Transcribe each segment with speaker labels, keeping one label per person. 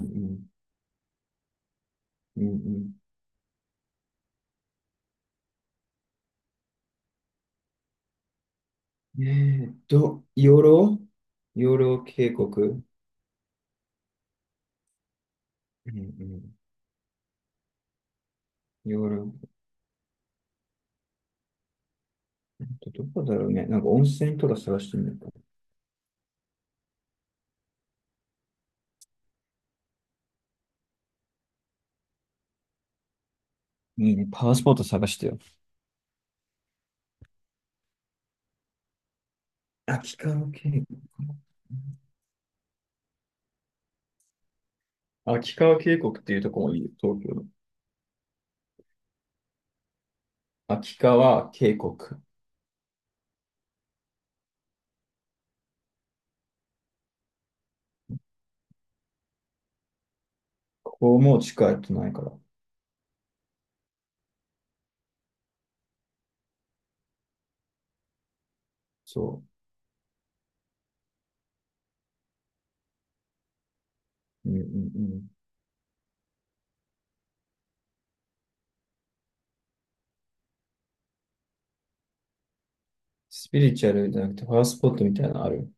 Speaker 1: うんうん。養老養老渓谷。うんうん。養老、どこだろうね。なんか温泉とか探してみるか。いいね。パワースポット探してよ。秋川渓谷。秋川渓谷っていうとこもいいよ、東京の。秋川渓谷。ここも近いとないから。そう。うんうんうん。スピリチュアルじゃなくてパワースポットみたいなのある。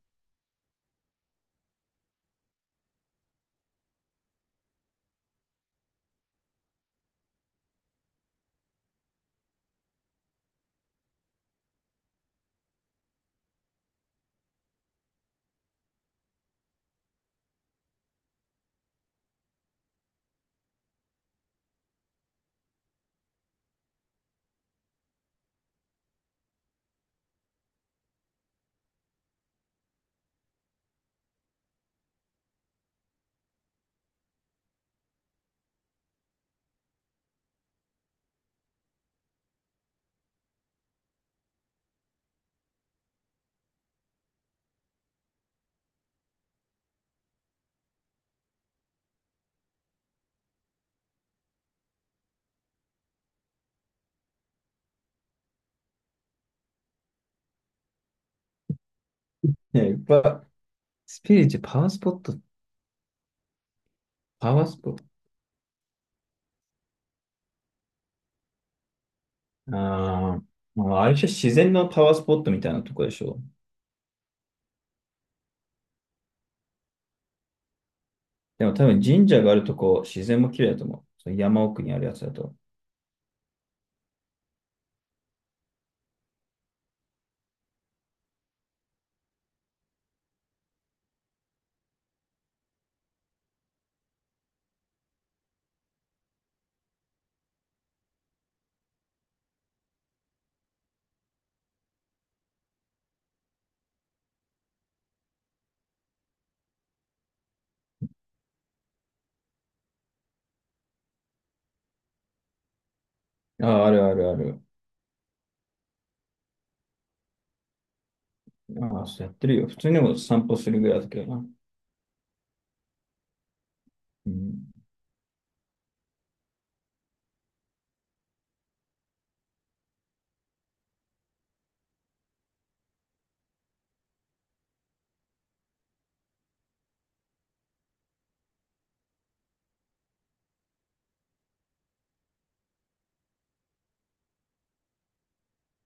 Speaker 1: ね、いっぱい。スピリチュアル、パワースポット、パワースポット。あー、まあ、あれじゃ自然のパワースポットみたいなとこでしょ。でも多分神社があるとこ、自然も綺麗だと思う。その山奥にあるやつだと。ああ、あるあるある。ああ、そうやってるよ。普通にも散歩するぐらいだけどな。うん。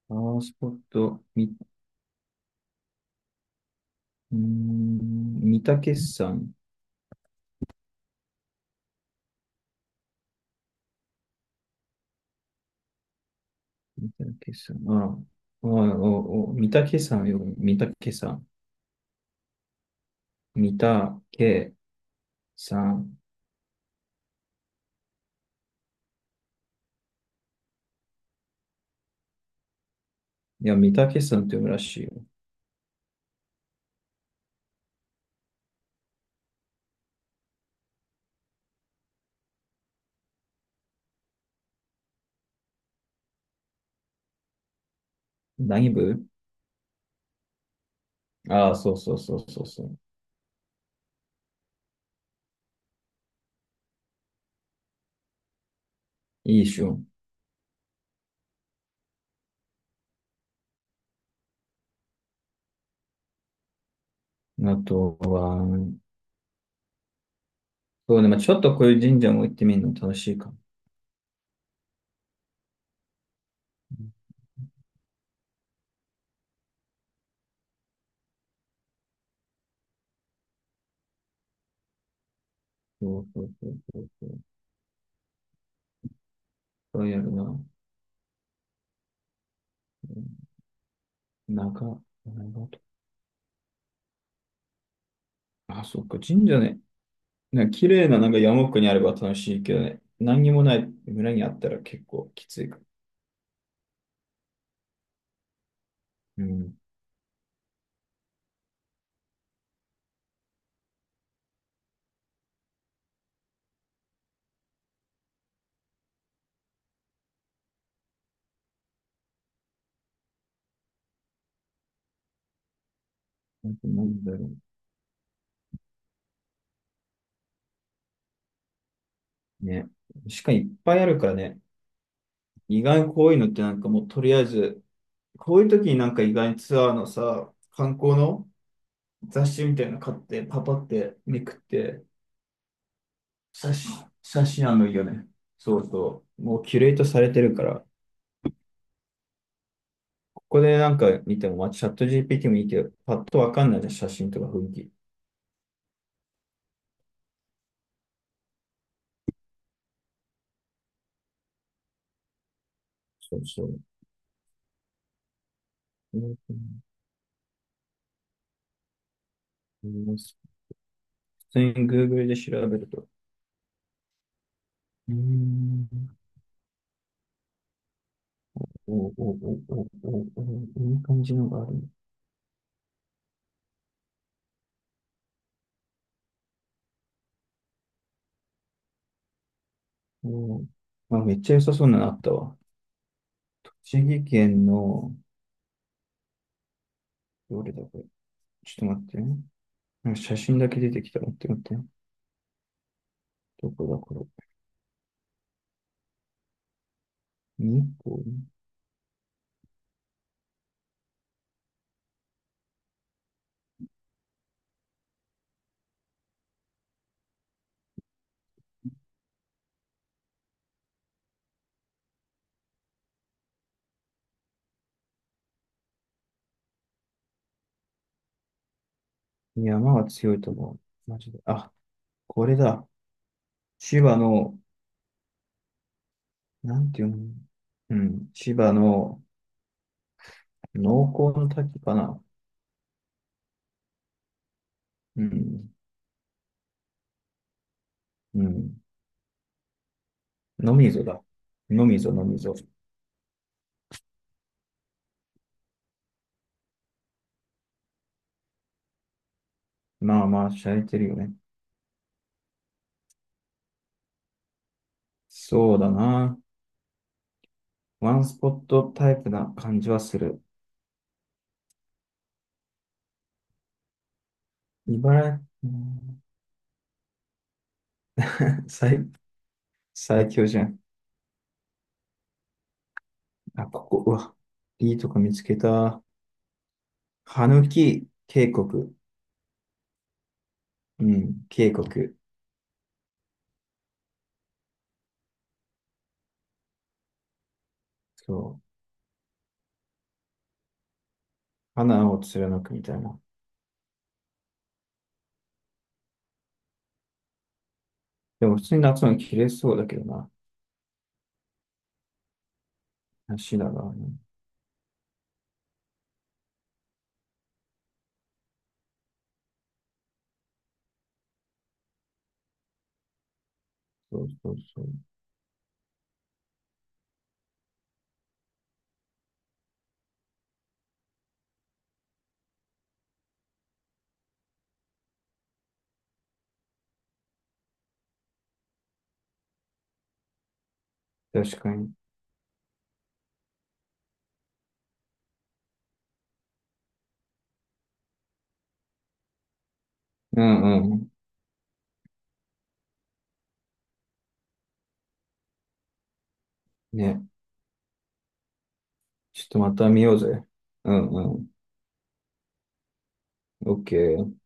Speaker 1: パワースポット、み、御嶽山。御嶽山。ああ、おいおいおい御嶽山よ。御嶽山。御嶽山。いや、御嶽山って読むらしいよ。何部。ああ、そうそうそうそうそう。いいっしょ。あとは、そうね、まあ、ちょっとこういう神社も行ってみるの楽しいかも。そうそうそうそうそう。そうやるな。ん、長、長と。あ、そっか、神社ね。なんか綺麗ななんか山奥にあれば楽しいけどね。何にもない村にあったら結構きついか。うん。あとなんだろう。ね。しかにいっぱいあるからね。意外にこういうのってなんかもうとりあえず、こういう時になんか意外にツアーのさ、観光の雑誌みたいなの買って、パパってめくって、写真、写真、いいよね。そうそう。もうキュレートされてるから、ここでなんか見ても、まあ、チャット GPT もいいけど、パッとわかんないじゃん、写真とか雰囲気。そうそう。うん、普通に Google で調べると。うーん。おおおおおお、いい感じのがあるね。おー、まあ、めっちゃ良さそうなのあったわ。栃木県の、どれだこれ。ちょっと待ってね。なんか写真だけ出てきた。待って待って。どこだこれ。日光、いや、山が強いと思う。マジで。あ、これだ。千葉の、なんていうの。うん。千葉の濃厚の滝かな。うん。うん。のみぞだ。のみぞ、のみぞ。まあまあ、しゃれてるよね。そうだな。ワンスポットタイプな感じはする。茨城、うん、最、最強じゃん。あ、ここ、うわ。いいとこ見つけた。羽き渓谷。うん、渓谷。そう。花を貫くみたいな。でも普通に夏の切れそうだけどな。足だからね。そうそうそう。確かに。うんうん。ね。ちょっとまた見ようぜ。うんうん。オッケー。